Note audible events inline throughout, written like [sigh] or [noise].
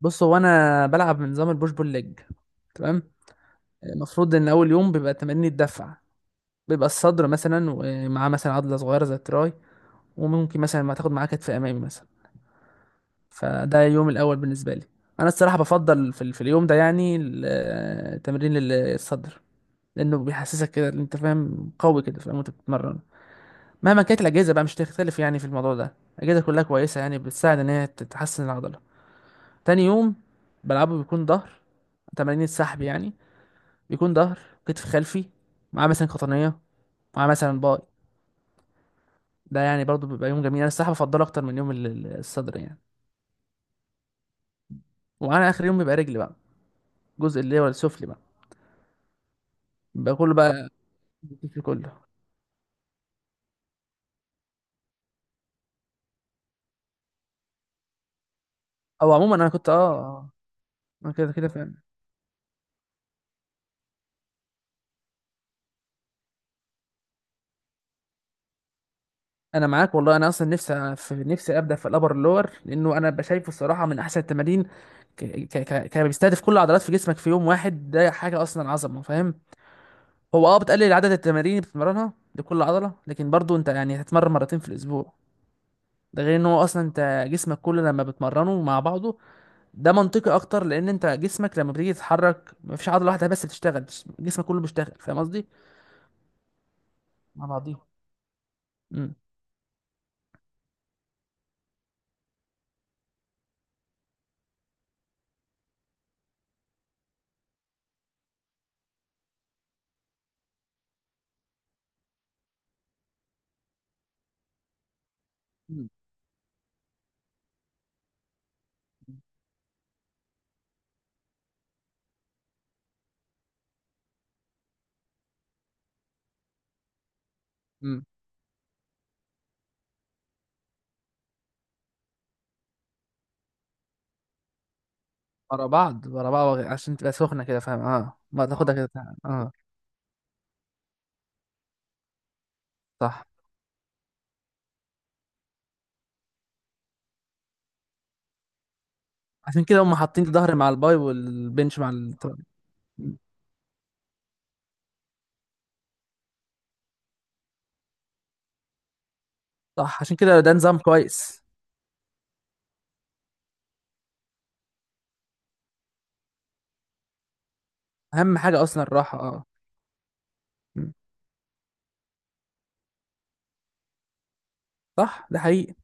بص، هو انا بلعب بنظام البوش بول ليج. تمام. المفروض ان اول يوم بيبقى تمارين الدفع، بيبقى الصدر مثلا ومعاه مثلا عضله صغيره زي التراي، وممكن مثلا ما تاخد معاه كتف امامي مثلا. فده اليوم الاول بالنسبه لي. انا الصراحه بفضل في اليوم ده، يعني تمرين الصدر، لانه بيحسسك كده إن انت فاهم قوي، كده فاهم وانت بتتمرن. مهما كانت الاجهزه بقى مش تختلف، يعني في الموضوع ده الاجهزه كلها كويسه، يعني بتساعد ان هي تحسن العضله. تاني يوم بلعبه بيكون ظهر، تمارين السحب يعني، بيكون ظهر، كتف خلفي، مع مثلا قطنية، مع مثلا باي. ده يعني برضو بيبقى يوم جميل، انا الصراحة بفضله اكتر من يوم الصدر يعني. وعلى اخر يوم بيبقى رجل بقى، الجزء اللي هو السفلي بقى، بيبقى كله بقى. في كله. او عموما انا كنت انا كده كده فاهم. انا معاك والله، انا اصلا نفسي في نفسي ابدا في الابر اللور، لانه انا بشايفه الصراحه من احسن التمارين. بيستهدف كل العضلات في جسمك في يوم واحد، ده حاجه اصلا عظمه فاهم. هو اه بتقلل عدد التمارين اللي بتتمرنها لكل عضله، لكن برضو انت يعني هتتمرن مرتين في الاسبوع. ده غير ان هو اصلا انت جسمك كله لما بتمرنه مع بعضه، ده منطقي اكتر، لان انت جسمك لما بتيجي تتحرك مفيش عضله واحده بس بتشتغل، جسمك كله بيشتغل فاهم قصدي. مع بعضيهم. امم. امم. أمم. ورا بعض ورا بعض عشان تبقى سخنه كده فاهم، اه ما تاخدها اه كده فاهم. اه. صح، عشان كده هم حاطين الظهر مع الباي والبنش مع ال... آه. صح، عشان كده ده نظام كويس. اهم حاجه اصلا الراحه اه. مم. صح، ده حقيقي.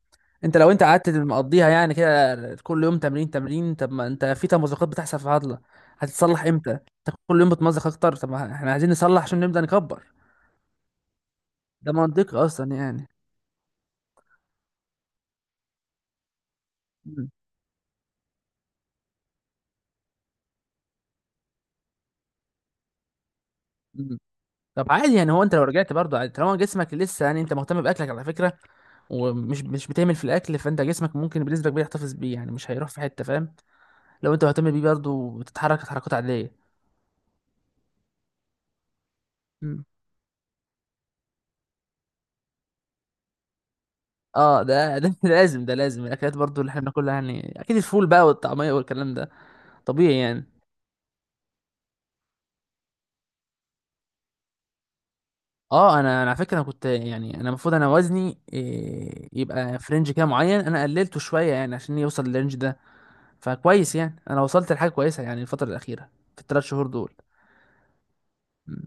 انت لو انت قعدت مقضيها يعني كده، كل يوم تمرين تمرين، طب ما انت في تمزقات بتحصل في العضله، هتتصلح امتى؟ انت كل يوم بتمزق اكتر، طب ما احنا عايزين نصلح عشان نبدا نكبر. ده منطقي اصلا يعني. مم. مم. طب عادي يعني، هو انت لو رجعت برضه عادي طالما جسمك لسه، يعني انت مهتم باكلك على فكره ومش مش بتعمل في الاكل، فانت جسمك ممكن بنسبه كبيره يحتفظ بيه، يعني مش هيروح في حته فاهم، لو انت مهتم بيه برضه وتتحرك تحركات عاديه. مم. اه ده [laughs] لازم، ده لازم الاكلات برضه اللي احنا بناكلها، يعني اكيد الفول بقى والطعميه والكلام ده طبيعي يعني. اه انا على فكره، انا كنت يعني انا المفروض، انا وزني إيه، يبقى في رينج كده معين، انا قللته شويه يعني عشان يوصل للرينج ده، فكويس يعني انا وصلت لحاجه كويسه يعني الفتره الاخيره في ال 3 شهور دول. مم.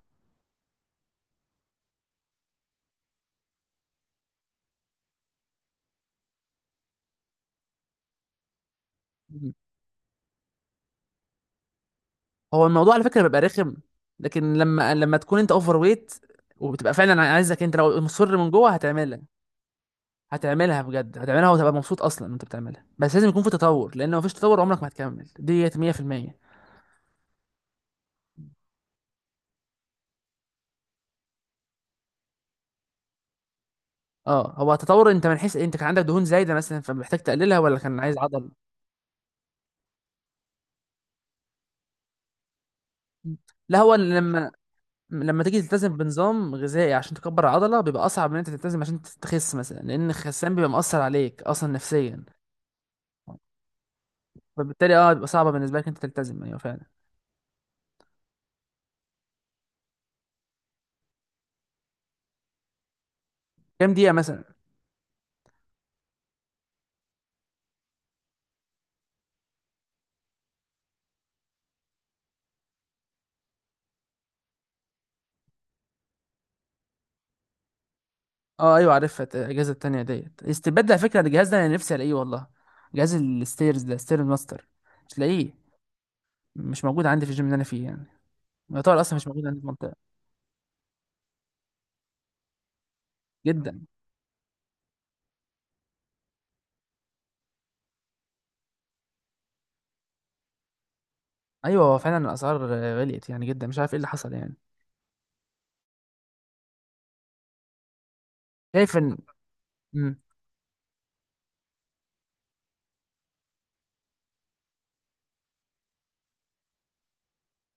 مم. هو الموضوع على فكره بيبقى رخم، لكن لما تكون انت اوفر ويت وبتبقى فعلا عايزك، انت لو مصر من جوه هتعملها، هتعملها بجد، هتعملها وتبقى مبسوط اصلا وانت بتعملها، بس لازم يكون في تطور، لان لو مفيش تطور عمرك ما هتكمل ديت 100%. اه، هو تطور انت من حيث انت كان عندك دهون زايده مثلا فمحتاج تقللها، ولا كان عايز عضل؟ لا، هو لما تيجي تلتزم بنظام غذائي عشان تكبر العضله بيبقى اصعب من انت تلتزم عشان تخس مثلا، لان الخسان بيبقى مأثر عليك اصلا نفسيا. فبالتالي اه بيبقى صعبه بالنسبه لك انت تلتزم ايوه فعلا. كام دقيقه مثلا؟ اه ايوه عارفها، الاجهزه التانيه ديت استبدل على فكره الجهاز ده انا نفسي الاقيه والله، جهاز الستيرز ده، ستير ماستر، مش لاقيه. مش موجود عندي في الجيم اللي انا فيه يعني، يعتبر اصلا مش موجود عندي في المنطقه. جدا. ايوه، هو فعلا الاسعار غليت يعني جدا، مش عارف ايه اللي حصل يعني. شايف ان، امم،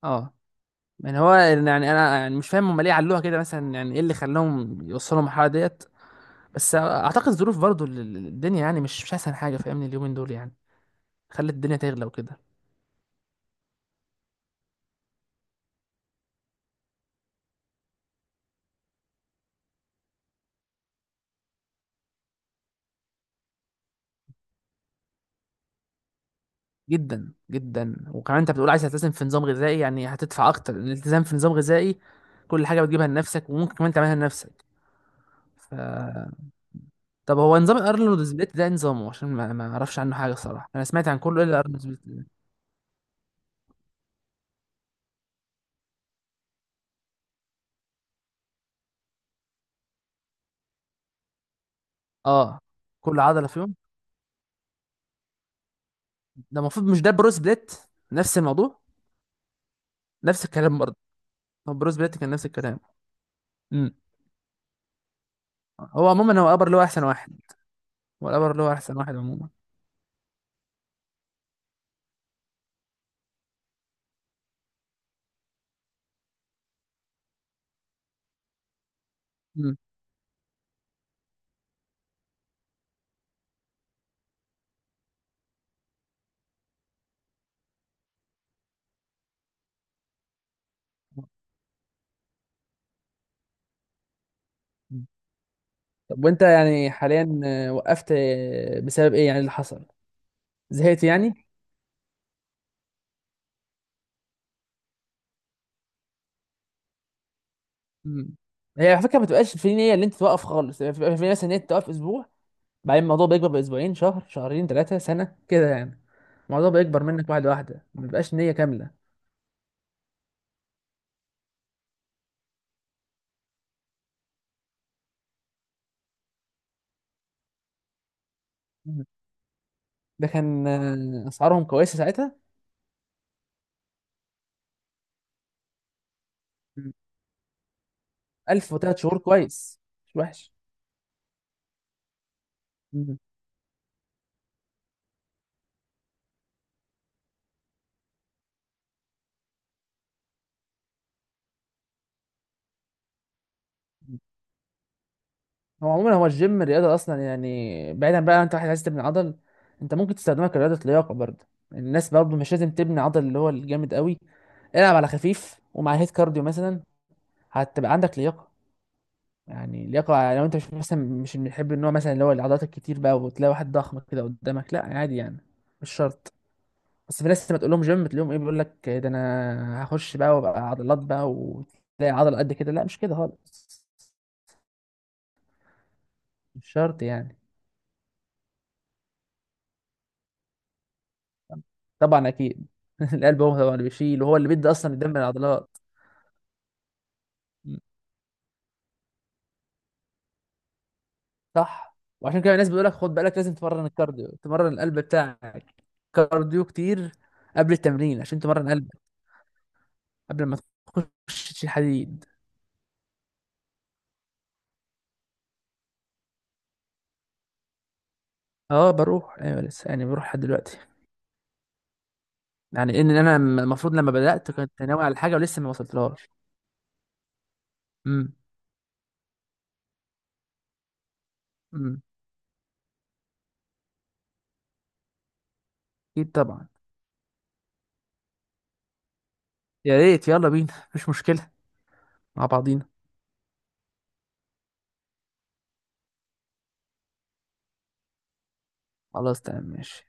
اه، يعني هو يعني انا يعني مش فاهم هم ليه علوها كده مثلا، يعني ايه اللي خلاهم يوصلوا المرحله ديت. بس اعتقد الظروف برضو الدنيا يعني مش احسن حاجه فاهمني اليومين دول يعني، خلت الدنيا تغلى وكده. جدا جدا، وكمان انت بتقول عايز تلتزم في نظام غذائي، يعني هتدفع اكتر، الالتزام في نظام غذائي كل حاجه بتجيبها لنفسك وممكن كمان تعملها لنفسك. ف، طب هو نظام الارنولد سبليت ده إيه نظامه؟ عشان ما اعرفش عنه حاجه الصراحه، انا سمعت عن كله الا الارنولد سبليت. اه، كل عضله فيهم، ده المفروض مش ده بروس بليت؟ نفس الموضوع، نفس الكلام برضه. هو بروس بليت كان نفس الكلام. امم. هو عموما هو ابر له احسن واحد. هو الابر له احسن واحد عموما. امم. طب وانت يعني حاليا وقفت بسبب ايه يعني اللي حصل؟ زهقت يعني؟ امم. هي على فكره ما بتبقاش في نيه ان انت توقف خالص، يعني بتبقى في نيه مثلا ان انت توقف اسبوع، بعدين الموضوع بيكبر باسبوعين، شهر، شهرين، ثلاثه، سنه كده يعني، الموضوع بيكبر منك واحده واحده، ما بيبقاش نيه كامله. ده كان اسعارهم كويسه ساعتها. مم. 1000 وثلاث شهور، كويس، مش وحش. مم. هو عموما هو الجيم الرياضه اصلا يعني، بعيدا بقى انت واحد عايز تبني عضل، انت ممكن تستخدمها كرياضه لياقه برضه. الناس برضه مش لازم تبني عضل اللي هو الجامد قوي، العب على خفيف ومع هيت كارديو مثلا، هتبقى عندك لياقه. يعني لياقه، لو انت مش مثلا مش بنحب النوع مثلا اللي هو العضلات الكتير بقى، وتلاقي واحد ضخم كده قدامك، لا عادي يعني، مش شرط. بس في ناس لما تقول لهم جيم تلاقيهم ايه بيقول لك ده انا هخش بقى وابقى عضلات بقى، وتلاقي عضله قد كده، لا مش كده خالص، مش شرط يعني. طبعا اكيد. [laughs] القلب هو اللي بيشيل وهو اللي بيدي اصلا الدم للعضلات. م. صح، وعشان كده الناس بيقول لك خد بالك لازم تمرن الكارديو، تمرن القلب بتاعك. كارديو كتير قبل التمرين عشان تمرن قلبك، قبل ما تخش تشيل حديد. اه بروح ايوه لسه، يعني بروح لحد دلوقتي. يعني انا المفروض لما بدات كنت ناوي على حاجه ولسه ما وصلتلهاش. امم. اكيد طبعا. يا ريت، يلا بينا مفيش مشكلة. مع بعضينا. خلاص، تمام، ماشي.